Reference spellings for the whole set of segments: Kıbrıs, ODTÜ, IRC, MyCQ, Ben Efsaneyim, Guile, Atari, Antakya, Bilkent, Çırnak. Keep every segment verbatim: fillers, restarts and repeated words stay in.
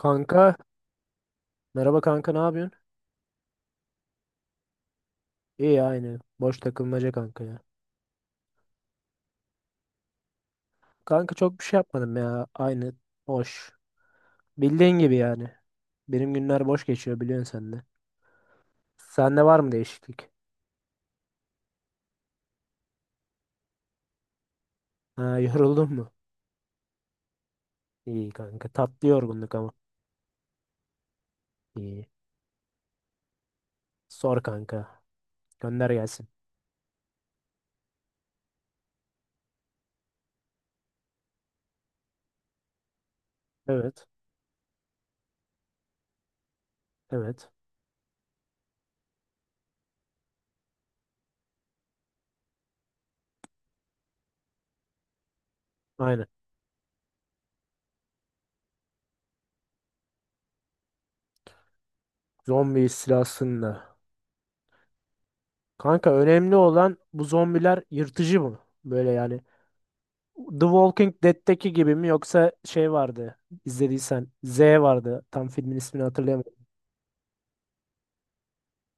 Kanka, merhaba kanka, ne yapıyorsun? İyi, aynı. Boş takılmaca kanka ya. Kanka çok bir şey yapmadım ya. Aynı boş. Bildiğin gibi yani. Benim günler boş geçiyor, biliyorsun sen de. Sende var mı değişiklik? Ha, yoruldun mu? İyi kanka. Tatlı yorgunluk ama. İyi. Sor kanka. Gönder gelsin. Evet. Evet. Aynen. Zombi istilasında. Kanka, önemli olan bu zombiler yırtıcı mı? Böyle yani The Walking Dead'teki gibi mi, yoksa şey vardı, izlediysen Z vardı, tam filmin ismini hatırlayamadım.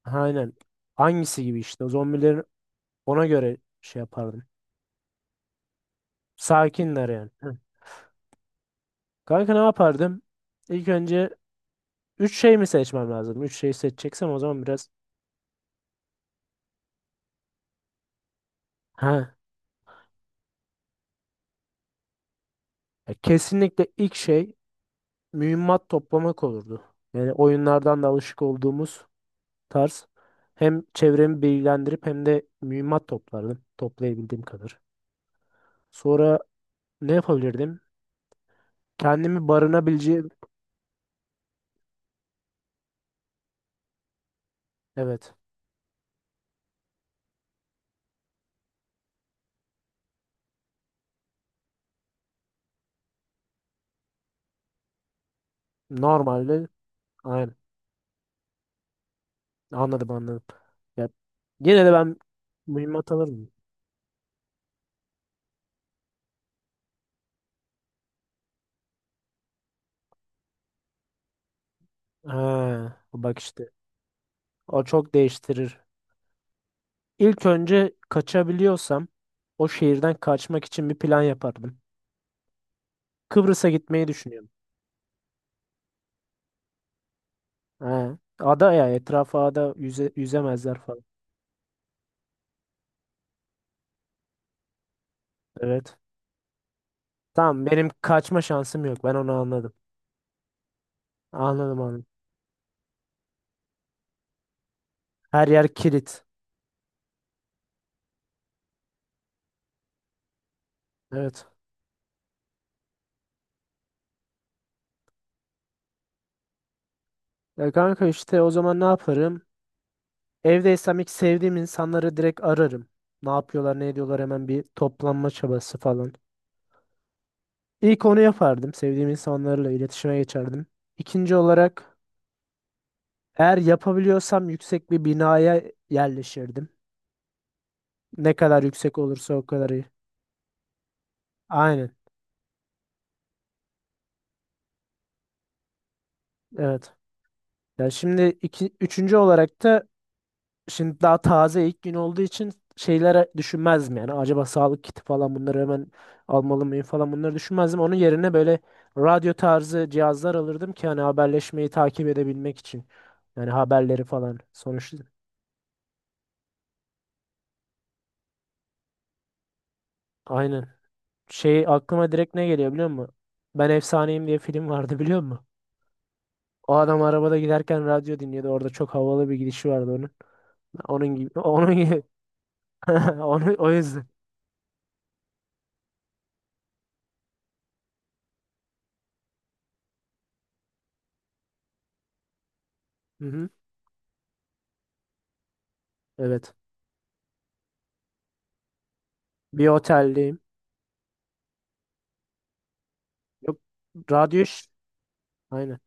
Aynen. Hangisi gibi işte, o zombilerin ona göre şey yapardım. Sakinler yani. Hı. Kanka ne yapardım? İlk önce üç şey mi seçmem lazım? Üç şey seçeceksem o zaman biraz, ha, ya kesinlikle ilk şey mühimmat toplamak olurdu. Yani oyunlardan da alışık olduğumuz tarz. Hem çevremi bilgilendirip hem de mühimmat toplardım. Toplayabildiğim kadar. Sonra ne yapabilirdim? Kendimi barınabileceğim. Evet. Normalde. Aynen. Anladım anladım. Ya, yine de ben mühimmat alırdım. Ha, bak işte. O çok değiştirir. İlk önce kaçabiliyorsam o şehirden kaçmak için bir plan yapardım. Kıbrıs'a gitmeyi düşünüyorum. Ha, ada ya, etrafa ada, yüze, yüzemezler falan. Evet. Tamam, benim kaçma şansım yok. Ben onu anladım. Anladım anladım. Her yer kilit. Evet. Ya kanka, işte o zaman ne yaparım? Evdeysem ilk sevdiğim insanları direkt ararım. Ne yapıyorlar, ne ediyorlar, hemen bir toplanma çabası falan. İlk onu yapardım. Sevdiğim insanlarla iletişime geçerdim. İkinci olarak, eğer yapabiliyorsam, yüksek bir binaya yerleşirdim. Ne kadar yüksek olursa o kadar iyi. Aynen. Evet. Ya şimdi iki, üçüncü olarak da, şimdi daha taze ilk gün olduğu için şeylere düşünmezdim yani. Acaba sağlık kiti falan, bunları hemen almalı mıyım falan, bunları düşünmezdim. Onun yerine böyle radyo tarzı cihazlar alırdım ki hani haberleşmeyi takip edebilmek için. Yani haberleri falan. Sonuçta aynen. Şey, aklıma direkt ne geliyor biliyor musun? Ben Efsaneyim diye film vardı, biliyor musun? O adam arabada giderken radyo dinliyordu. Orada çok havalı bir gidişi vardı onun. Onun gibi. Onun gibi. Onu, o yüzden. Hı hı. Evet. Bir otelde. Yok, radyo iş. Aynen.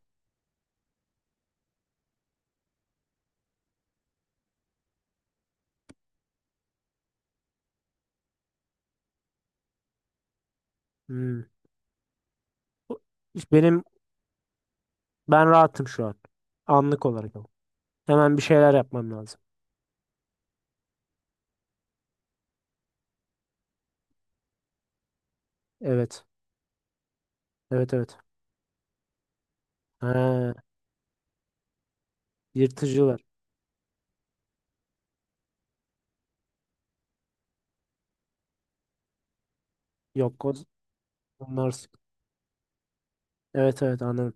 Hmm. Bu- iş Benim ben rahatım şu an. Anlık olarak ama. Hemen bir şeyler yapmam lazım. Evet. Evet evet. Ha, yırtıcılar. Yok, o- onlar sık- evet evet, anladım.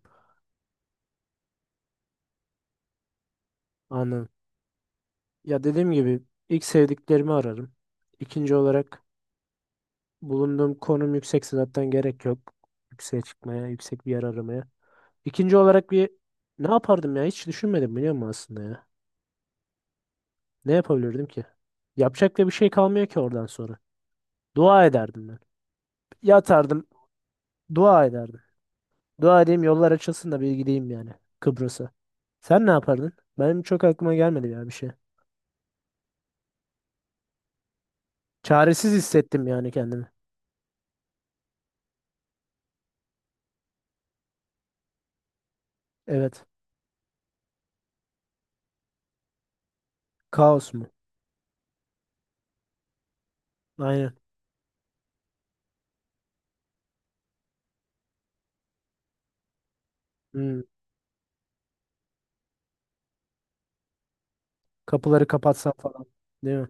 Anladım. Ya, dediğim gibi ilk sevdiklerimi ararım. İkinci olarak, bulunduğum konum yüksekse zaten gerek yok yükseğe çıkmaya, yüksek bir yer aramaya. İkinci olarak bir ne yapardım ya, hiç düşünmedim biliyor musun aslında ya. Ne yapabilirdim ki? Yapacak da bir şey kalmıyor ki oradan sonra. Dua ederdim ben. Yatardım, dua ederdim. Dua edeyim, yollar açılsın da bir gideyim yani, Kıbrıs'a. Sen ne yapardın? Benim çok aklıma gelmedi ya bir şey. Çaresiz hissettim yani kendimi. Evet. Kaos mu? Aynen. Hmm. Kapıları kapatsam falan. Değil mi?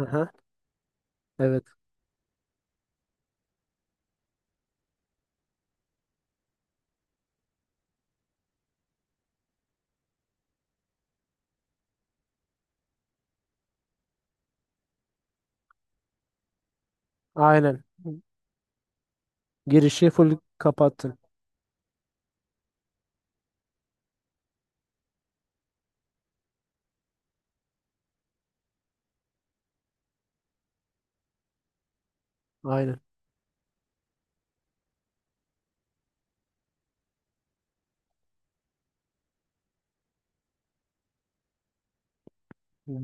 Aha. Evet. Aynen. Girişi full kapattın. Aynen.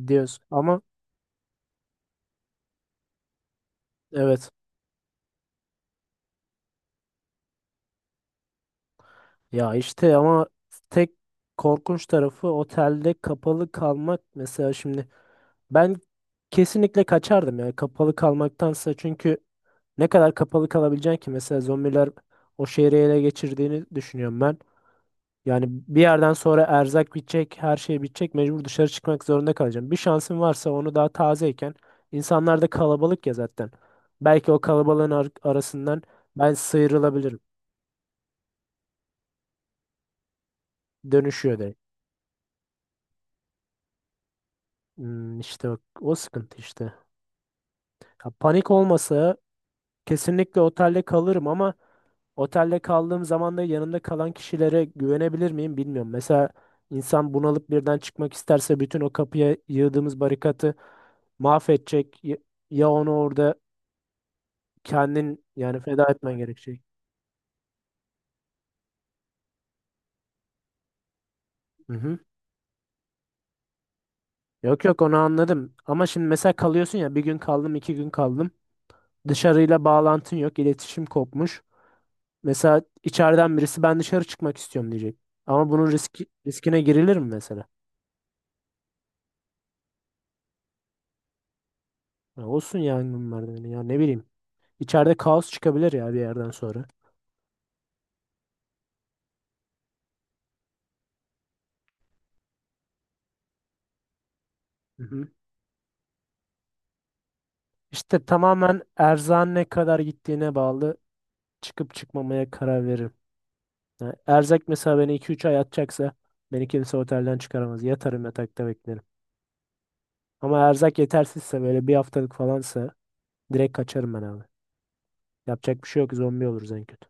Diyorsun. Ama evet. Ya işte, ama tek korkunç tarafı otelde kapalı kalmak. Mesela şimdi ben kesinlikle kaçardım ya kapalı kalmaktansa, çünkü ne kadar kapalı kalabileceksin ki? Mesela zombiler o şehri ele geçirdiğini düşünüyorum ben. Yani bir yerden sonra erzak bitecek, her şey bitecek, mecbur dışarı çıkmak zorunda kalacağım. Bir şansın varsa onu daha tazeyken, insanlar da kalabalık ya zaten, belki o kalabalığın ar- arasından ben sıyrılabilirim. Dönüşüyor direkt. Hmm, işte o, o sıkıntı işte. Ya, panik olmasa kesinlikle otelde kalırım, ama otelde kaldığım zaman da yanında kalan kişilere güvenebilir miyim, bilmiyorum. Mesela insan bunalıp birden çıkmak isterse bütün o kapıya yığdığımız barikatı mahvedecek. Ya ya onu orada kendin yani feda etmen gerekecek. Hı hı. Yok yok, onu anladım. Ama şimdi mesela kalıyorsun ya, bir gün kaldım, iki gün kaldım. Dışarıyla bağlantın yok, iletişim kopmuş. Mesela içeriden birisi ben dışarı çıkmak istiyorum diyecek. Ama bunun riski, riskine girilir mi mesela? Ya olsun yangın merdiveni, ya ne bileyim. İçeride kaos çıkabilir ya bir yerden sonra. Hı hı. İşte tamamen erzağın ne kadar gittiğine bağlı, çıkıp çıkmamaya karar veririm. Yani erzak mesela beni iki üç ay atacaksa beni kimse otelden çıkaramaz. Yatarım yatakta beklerim. Ama erzak yetersizse, böyle bir haftalık falansa, direkt kaçarım ben abi. Yapacak bir şey yok, zombi oluruz en kötü.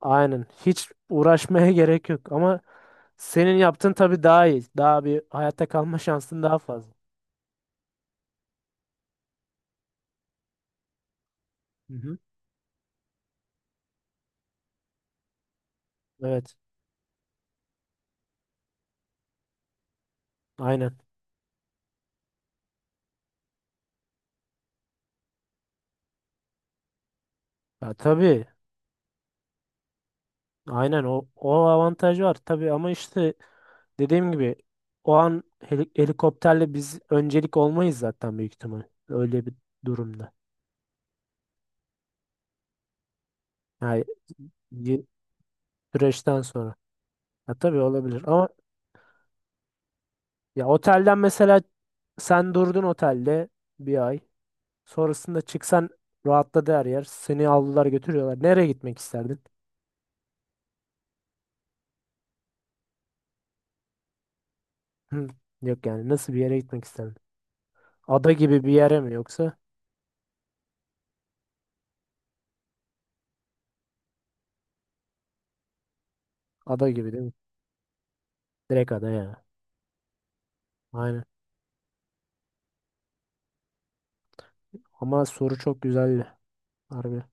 Aynen, hiç uğraşmaya gerek yok. Ama senin yaptığın tabii daha iyi. Daha bir hayatta kalma şansın daha fazla. Hı hı. Evet, aynen. Ya tabii. Aynen, o, o avantaj var tabii ama işte, dediğim gibi, o an heli- helikopterle biz öncelik olmayız zaten büyük ihtimal. Öyle bir durumda. Yani bir süreçten sonra. Ya tabii olabilir ama, ya otelden mesela, sen durdun otelde bir ay. Sonrasında çıksan, rahatladı her yer, seni aldılar götürüyorlar. Nereye gitmek isterdin? Hı, yok yani, nasıl bir yere gitmek isterdin? Ada gibi bir yere mi yoksa? Ada gibi değil mi? Direkt ada ya. Aynen. Ama soru çok güzeldi. Harbi.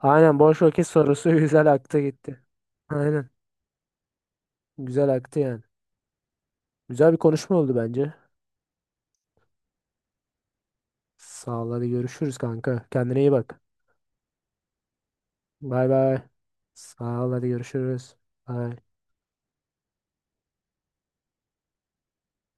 Aynen, boş vakit sorusu, güzel aktı gitti. Aynen. Güzel aktı yani. Güzel bir konuşma oldu bence. Sağ ol, hadi görüşürüz kanka. Kendine iyi bak. Bay bay. Sağ ol, hadi görüşürüz. Bay.